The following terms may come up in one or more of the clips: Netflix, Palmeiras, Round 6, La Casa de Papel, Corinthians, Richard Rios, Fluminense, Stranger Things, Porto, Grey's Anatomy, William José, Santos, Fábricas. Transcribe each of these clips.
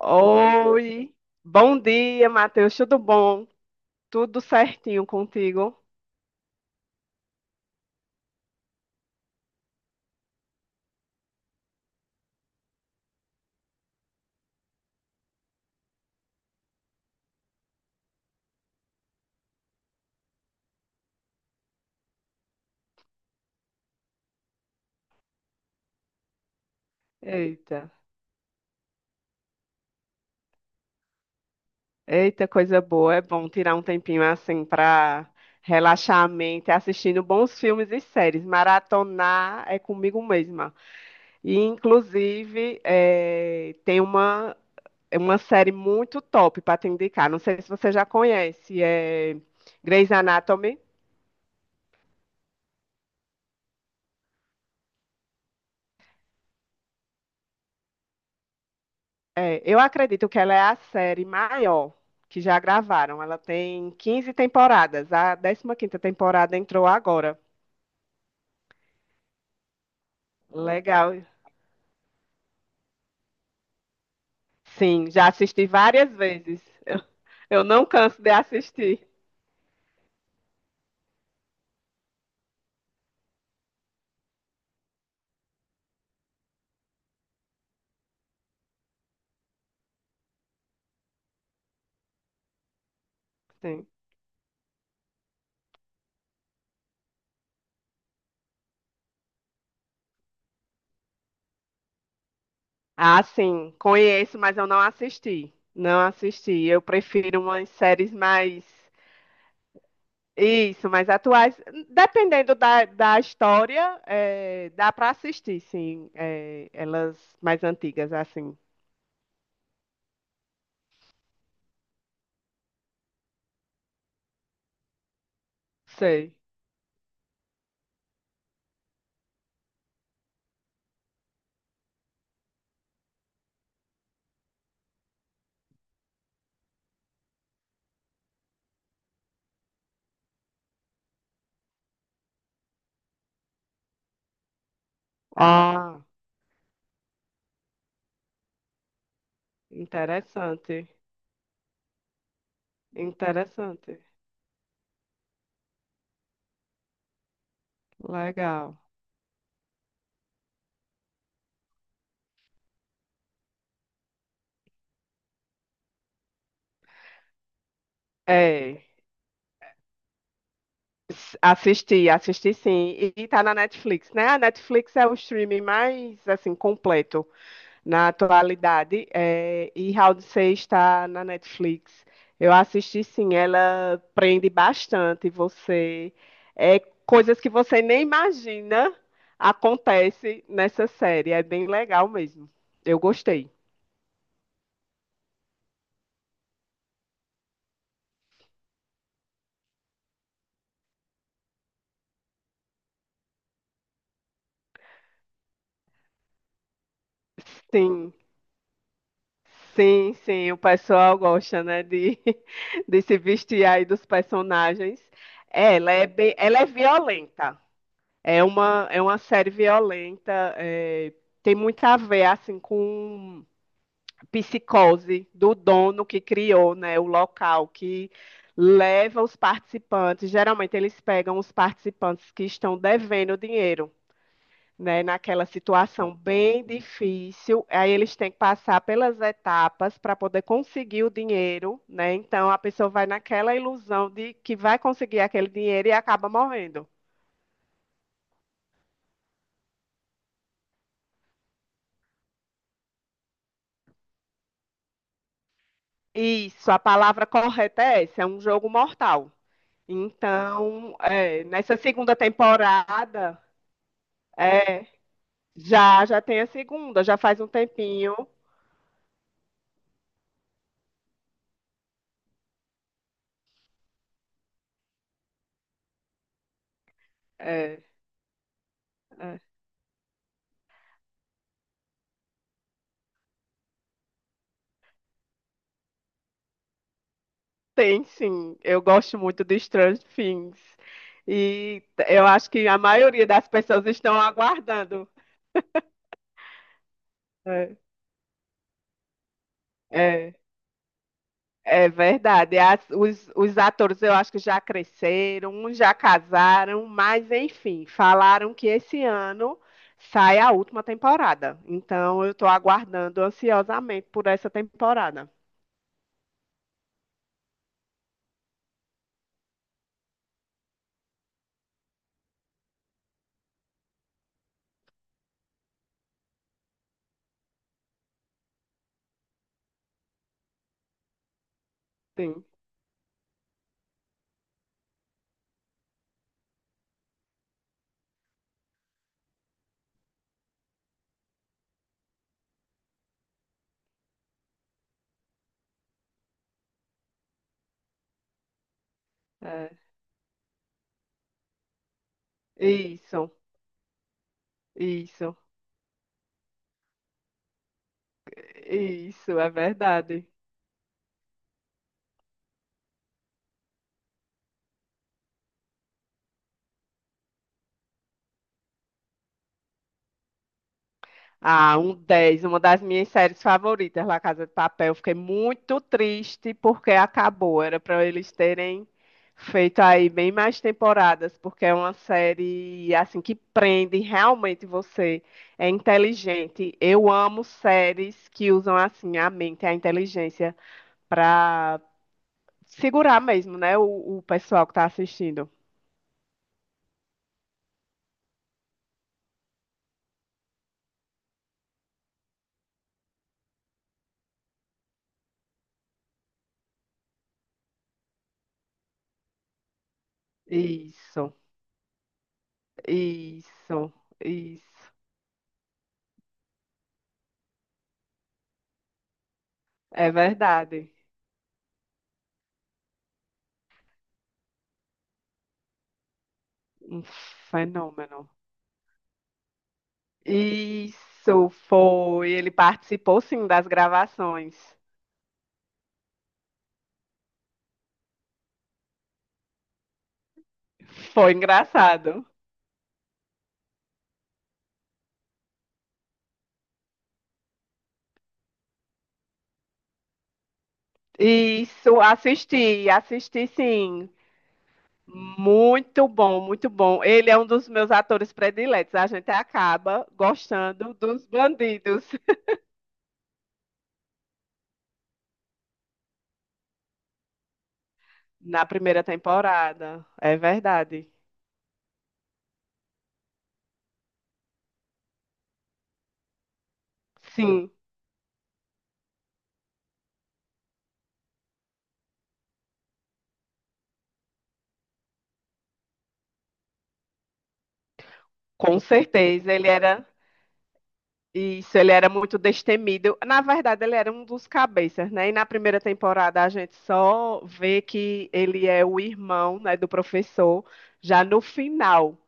Oi, bom dia, Matheus, tudo bom? Tudo certinho contigo? Eita, eita, coisa boa, é bom tirar um tempinho assim para relaxar a mente, assistindo bons filmes e séries, maratonar é comigo mesma. E, inclusive, tem é uma série muito top para te indicar, não sei se você já conhece, é Grey's Anatomy. É, eu acredito que ela é a série maior que já gravaram. Ela tem 15 temporadas. A décima quinta temporada entrou agora. Legal. Sim, já assisti várias vezes. Eu, eu não canso de assistir. Sim. Ah, sim, conheço, mas eu não assisti. Não assisti. Eu prefiro umas séries mais. Isso, mais atuais. Dependendo da história, é, dá para assistir, sim. É, elas mais antigas, assim. Sei. Ah, interessante. Interessante. Legal. É. Assisti, assisti sim. E tá na Netflix, né? A Netflix é o streaming mais, assim, completo na atualidade. É, e Round 6 está na Netflix. Eu assisti sim, ela prende bastante você. É, coisas que você nem imagina acontece nessa série. É bem legal mesmo. Eu gostei. Sim, sim, sim, o pessoal gosta, né, de, de se vestir aí dos personagens. É, ela é bem, ela é violenta. É uma série violenta. É, tem muito a ver, assim, com psicose do dono que criou, né, o local que leva os participantes. Geralmente eles pegam os participantes que estão devendo dinheiro, né, naquela situação bem difícil. Aí eles têm que passar pelas etapas para poder conseguir o dinheiro, né? Então a pessoa vai naquela ilusão de que vai conseguir aquele dinheiro e acaba morrendo. Isso, a palavra correta é essa, é um jogo mortal. Então, é, nessa segunda temporada, é, já tem a segunda, já faz um tempinho. É, é. Tem sim, eu gosto muito de Stranger Things. E eu acho que a maioria das pessoas estão aguardando. É, é, é verdade. Os atores eu acho que já cresceram, uns já casaram, mas enfim, falaram que esse ano sai a última temporada. Então eu estou aguardando ansiosamente por essa temporada. Sim. É. Isso, isso, isso, é verdade. Ah, um 10. Uma das minhas séries favoritas, La Casa de Papel. Fiquei muito triste porque acabou. Era para eles terem feito aí bem mais temporadas, porque é uma série assim que prende realmente você. É inteligente. Eu amo séries que usam assim a mente, a inteligência para segurar mesmo, né, o pessoal que está assistindo. Isso, isso, isso. É verdade. Um fenômeno. Isso foi. Ele participou sim das gravações. Foi engraçado. Isso, assisti, assisti sim. Muito bom, muito bom. Ele é um dos meus atores prediletos. A gente acaba gostando dos bandidos na primeira temporada. É verdade. Sim, com certeza. Ele era. Isso, ele era muito destemido. Na verdade, ele era um dos cabeças, né? E na primeira temporada a gente só vê que ele é o irmão, né, do professor, já no final,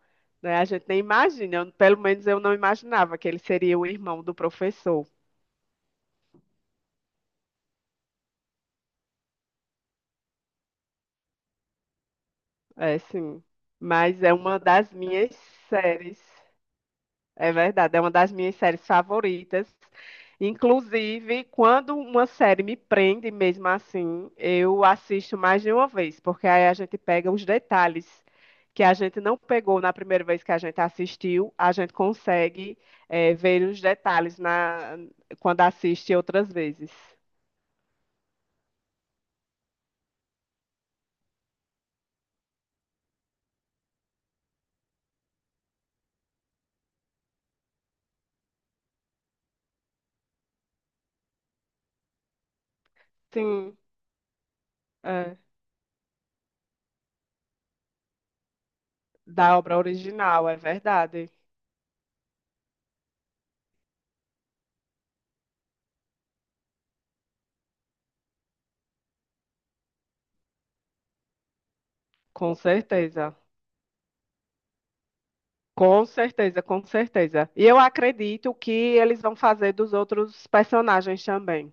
né? A gente nem imagina, pelo menos eu não imaginava que ele seria o irmão do professor. É, sim. Mas é uma das minhas séries. É verdade, é uma das minhas séries favoritas. Inclusive, quando uma série me prende mesmo assim, eu assisto mais de uma vez, porque aí a gente pega os detalhes que a gente não pegou na primeira vez que a gente assistiu, a gente consegue, ver os detalhes quando assiste outras vezes. Sim, é, da obra original, é verdade, com certeza. Com certeza, com certeza. E eu acredito que eles vão fazer dos outros personagens também.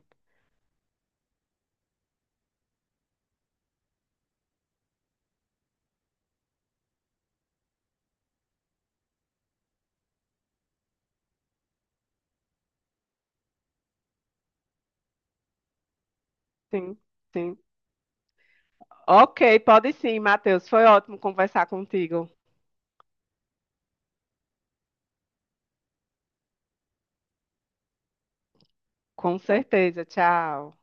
Sim, sim. Ok, pode sim, Matheus. Foi ótimo conversar contigo. Com certeza. Tchau.